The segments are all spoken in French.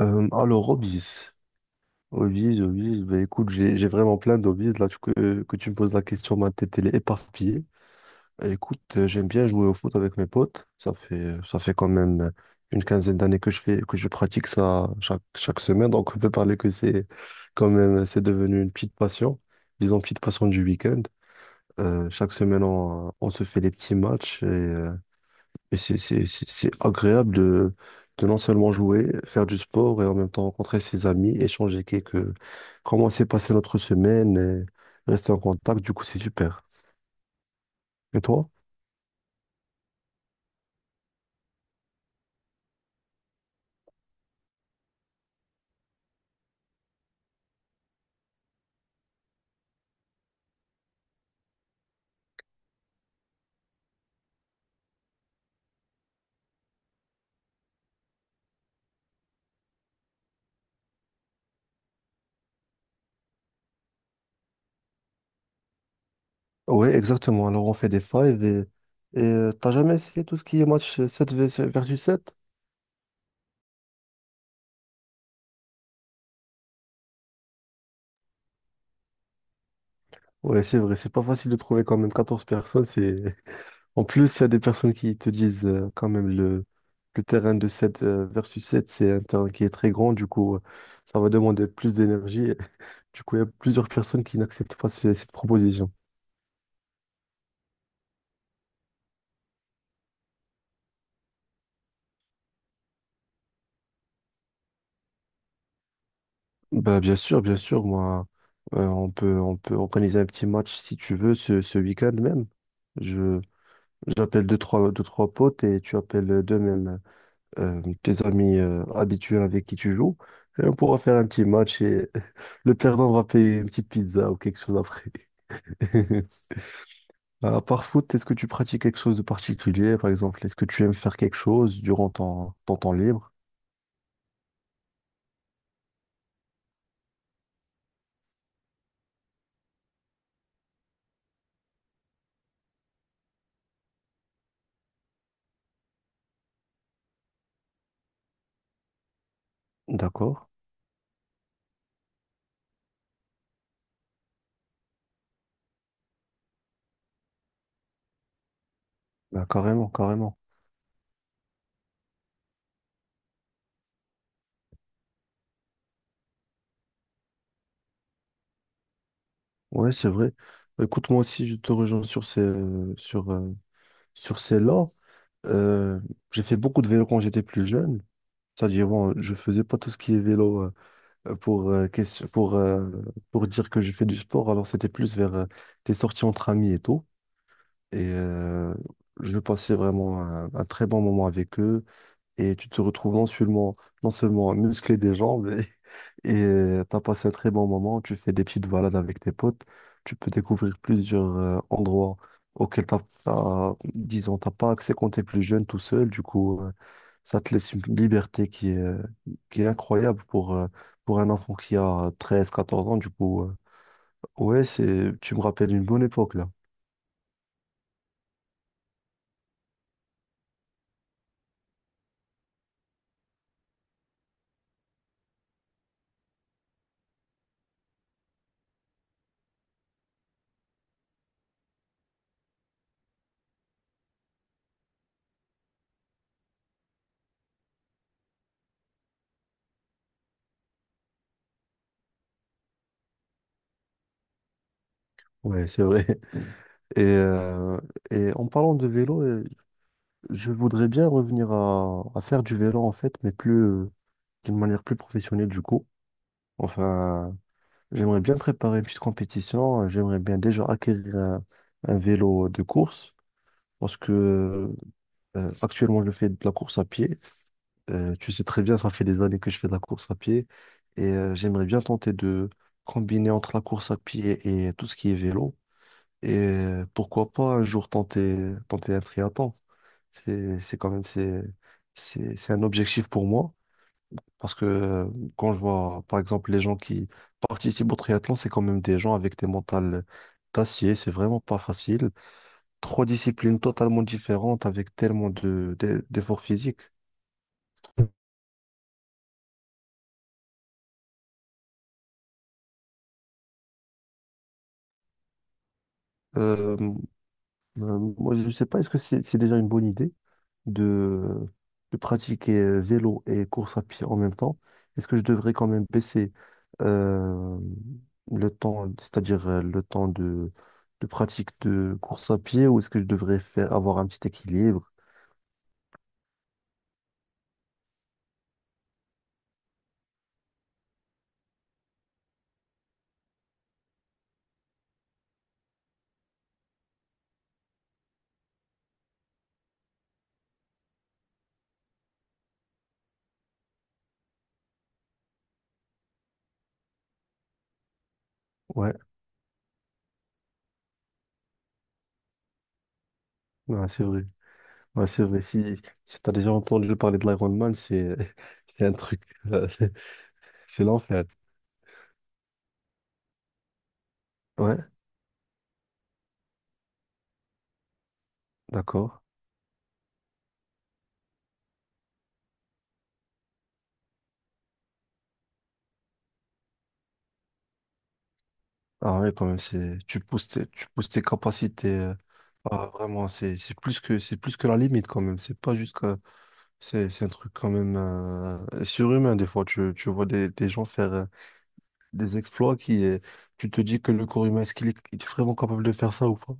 Alors, hobbies. Hobbies, hobbies. Bah, écoute, j'ai vraiment plein d'hobbies. Là, que tu me poses la question, ma tête, elle est éparpillée. Bah, écoute, j'aime bien jouer au foot avec mes potes. Ça fait quand même une quinzaine d'années que que je pratique ça chaque semaine. Donc, on peut parler que c'est devenu une petite passion. Disons, petite passion du week-end. Chaque semaine, on se fait des petits matchs et c'est agréable de non seulement jouer, faire du sport et en même temps rencontrer ses amis, échanger quelques, comment s'est passée notre semaine et rester en contact. Du coup, c'est super. Et toi? Oui, exactement. Alors, on fait des fives et t'as jamais essayé tout ce qui est match 7 versus 7? Ouais, c'est vrai, c'est pas facile de trouver quand même 14 personnes, c'est en plus, il y a des personnes qui te disent, quand même le terrain de sept, versus sept, c'est un terrain qui est très grand, du coup, ça va demander plus d'énergie. Du coup, il y a plusieurs personnes qui n'acceptent pas cette proposition. Bah, bien sûr, moi, on peut organiser un petit match si tu veux ce week-end même. Je, J'appelle deux, trois, deux, trois potes et tu appelles deux mêmes. Tes amis, habituels avec qui tu joues. Et on pourra faire un petit match et le perdant va payer une petite pizza ou quelque chose après. À part foot, est-ce que tu pratiques quelque chose de particulier, par exemple? Est-ce que tu aimes faire quelque chose durant ton temps libre? D'accord. Bah, carrément, carrément. Ouais, c'est vrai. Bah, écoute, moi aussi, je te rejoins sur, euh, sur ces là. Euh, j'ai fait beaucoup de vélo quand j'étais plus jeune. C'est-à-dire, bon, je faisais pas tout ce qui est vélo, euh, pour, euh, question- pour, euh, pour dire que je fais du sport. Alors, c'était plus vers, des sorties entre amis et tout. Et je passais vraiment un très bon moment avec eux. Et tu te retrouves non seulement musclé des jambes, et t'as passé un très bon moment. Tu fais des petites balades avec tes potes. Tu peux découvrir plusieurs, endroits auxquels disons, t'as pas accès quand t'es plus jeune tout seul. Du coup, ça te laisse une liberté qui est incroyable pour un enfant qui a 13-14 ans. Du coup, ouais, tu me rappelles une bonne époque là. Ouais, c'est vrai. Et, euh, et en parlant de vélo, je voudrais bien revenir à faire du vélo en fait, mais plus, d'une manière plus professionnelle du coup. Enfin, j'aimerais bien préparer une petite compétition. J'aimerais bien déjà acquérir un vélo de course parce que, actuellement je fais de la course à pied. Tu sais très bien, ça fait des années que je fais de la course à pied et j'aimerais bien tenter de combiner entre la course à pied et tout ce qui est vélo. Et pourquoi pas un jour tenter un triathlon. C'est quand même, c'est un objectif pour moi. Parce que, quand je vois, par exemple, les gens qui participent au triathlon, c'est quand même des gens avec des mentales d'acier. C'est vraiment pas facile. Trois disciplines totalement différentes avec tellement d'efforts physiques. Euh, Moi, je sais pas, est-ce que c'est déjà une bonne idée? de, de pratiquer, vélo et course à pied en même temps, est-ce que je devrais quand même baisser, euh, le temps, c'est-à-dire, le temps de pratique de course à pied, ou est-ce que je devrais avoir un petit équilibre? Ouais, ouais, c'est vrai. Ouais, c'est vrai. Si tu as déjà entendu parler de l'Ironman, c'est c'est un truc, euh, c'est l'enfer. Ouais, d'accord. Ah ouais, quand même, tu pousses tes capacités. Ah, vraiment, c'est plus que la limite quand même. C'est pas juste que, c'est un truc quand même, surhumain. Des fois, tu vois des gens faire, des exploits qui, tu te dis que le corps humain, est-ce qu'il est vraiment capable de faire ça ou pas?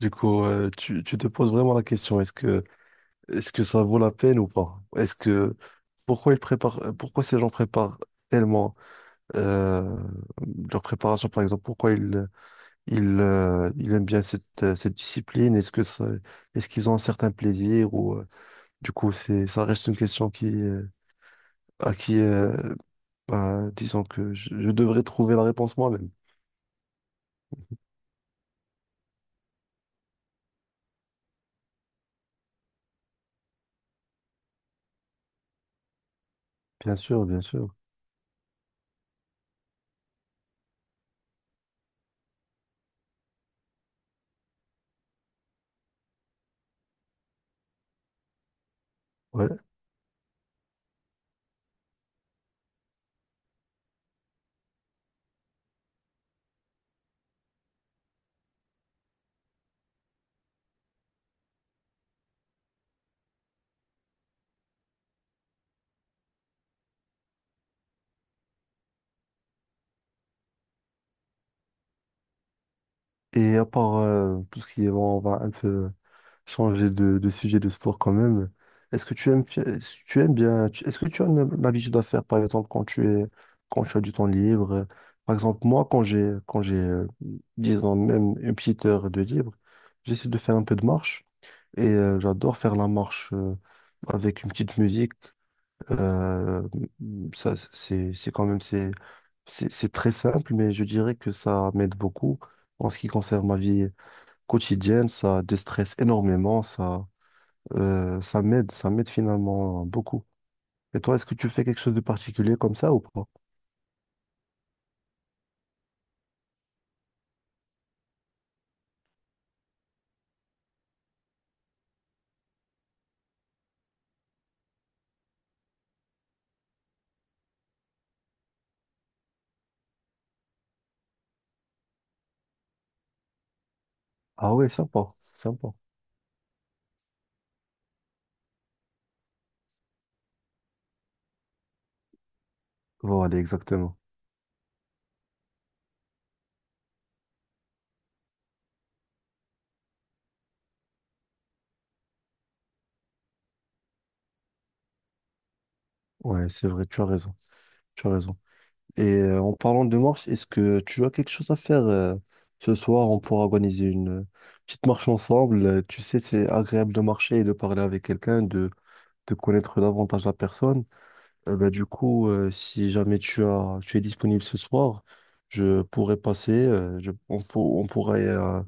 Du coup, tu te poses vraiment la question, est-ce que ça vaut la peine ou pas? Pourquoi ces gens préparent tellement, euh, leur préparation, par exemple, pourquoi ils aiment bien cette discipline. Est-ce qu'ils ont un certain plaisir ou, du coup c'est ça reste une question qui à qui, bah, disons que je devrais trouver la réponse moi-même. Bien sûr, bien sûr. Ouais. Et à part, tout ce qui est bon, on va un peu changer de sujet de sport quand même. Est-ce que tu as l'habitude à faire, par exemple, quand tu as du temps libre? Par exemple, moi, quand j'ai, disons, même une petite heure de libre, j'essaie de faire un peu de marche et j'adore faire la marche, avec une petite musique. Euh, ça, c'est, c'est quand même, c'est, c'est très simple, mais je dirais que ça m'aide beaucoup en ce qui concerne ma vie quotidienne. Ça déstresse énormément, ça. Ça m'aide finalement, hein, beaucoup. Et toi, est-ce que tu fais quelque chose de particulier comme ça ou pas? Ah ouais, sympa, sympa. Voilà, exactement. Ouais, c'est vrai, tu as raison, tu as raison. Et en parlant de marche, est-ce que tu as quelque chose à faire, ce soir? On pourra organiser une, petite marche ensemble. Tu sais, c'est agréable de marcher et de parler avec quelqu'un, de connaître davantage la personne. Bah, du coup, si jamais tu es disponible ce soir, je pourrais passer. On pourrait,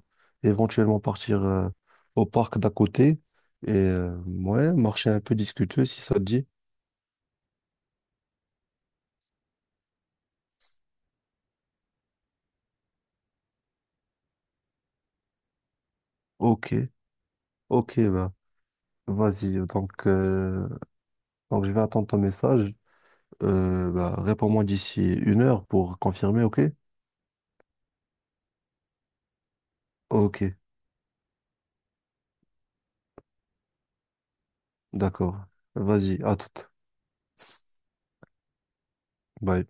éventuellement partir, au parc d'à côté et ouais, marcher un peu, discuter si ça te dit. Ok, ok, bah, vas-y. Donc, je vais attendre ton message. Bah, réponds-moi d'ici une heure pour confirmer, ok? Ok, d'accord. Vas-y, à toute. Bye.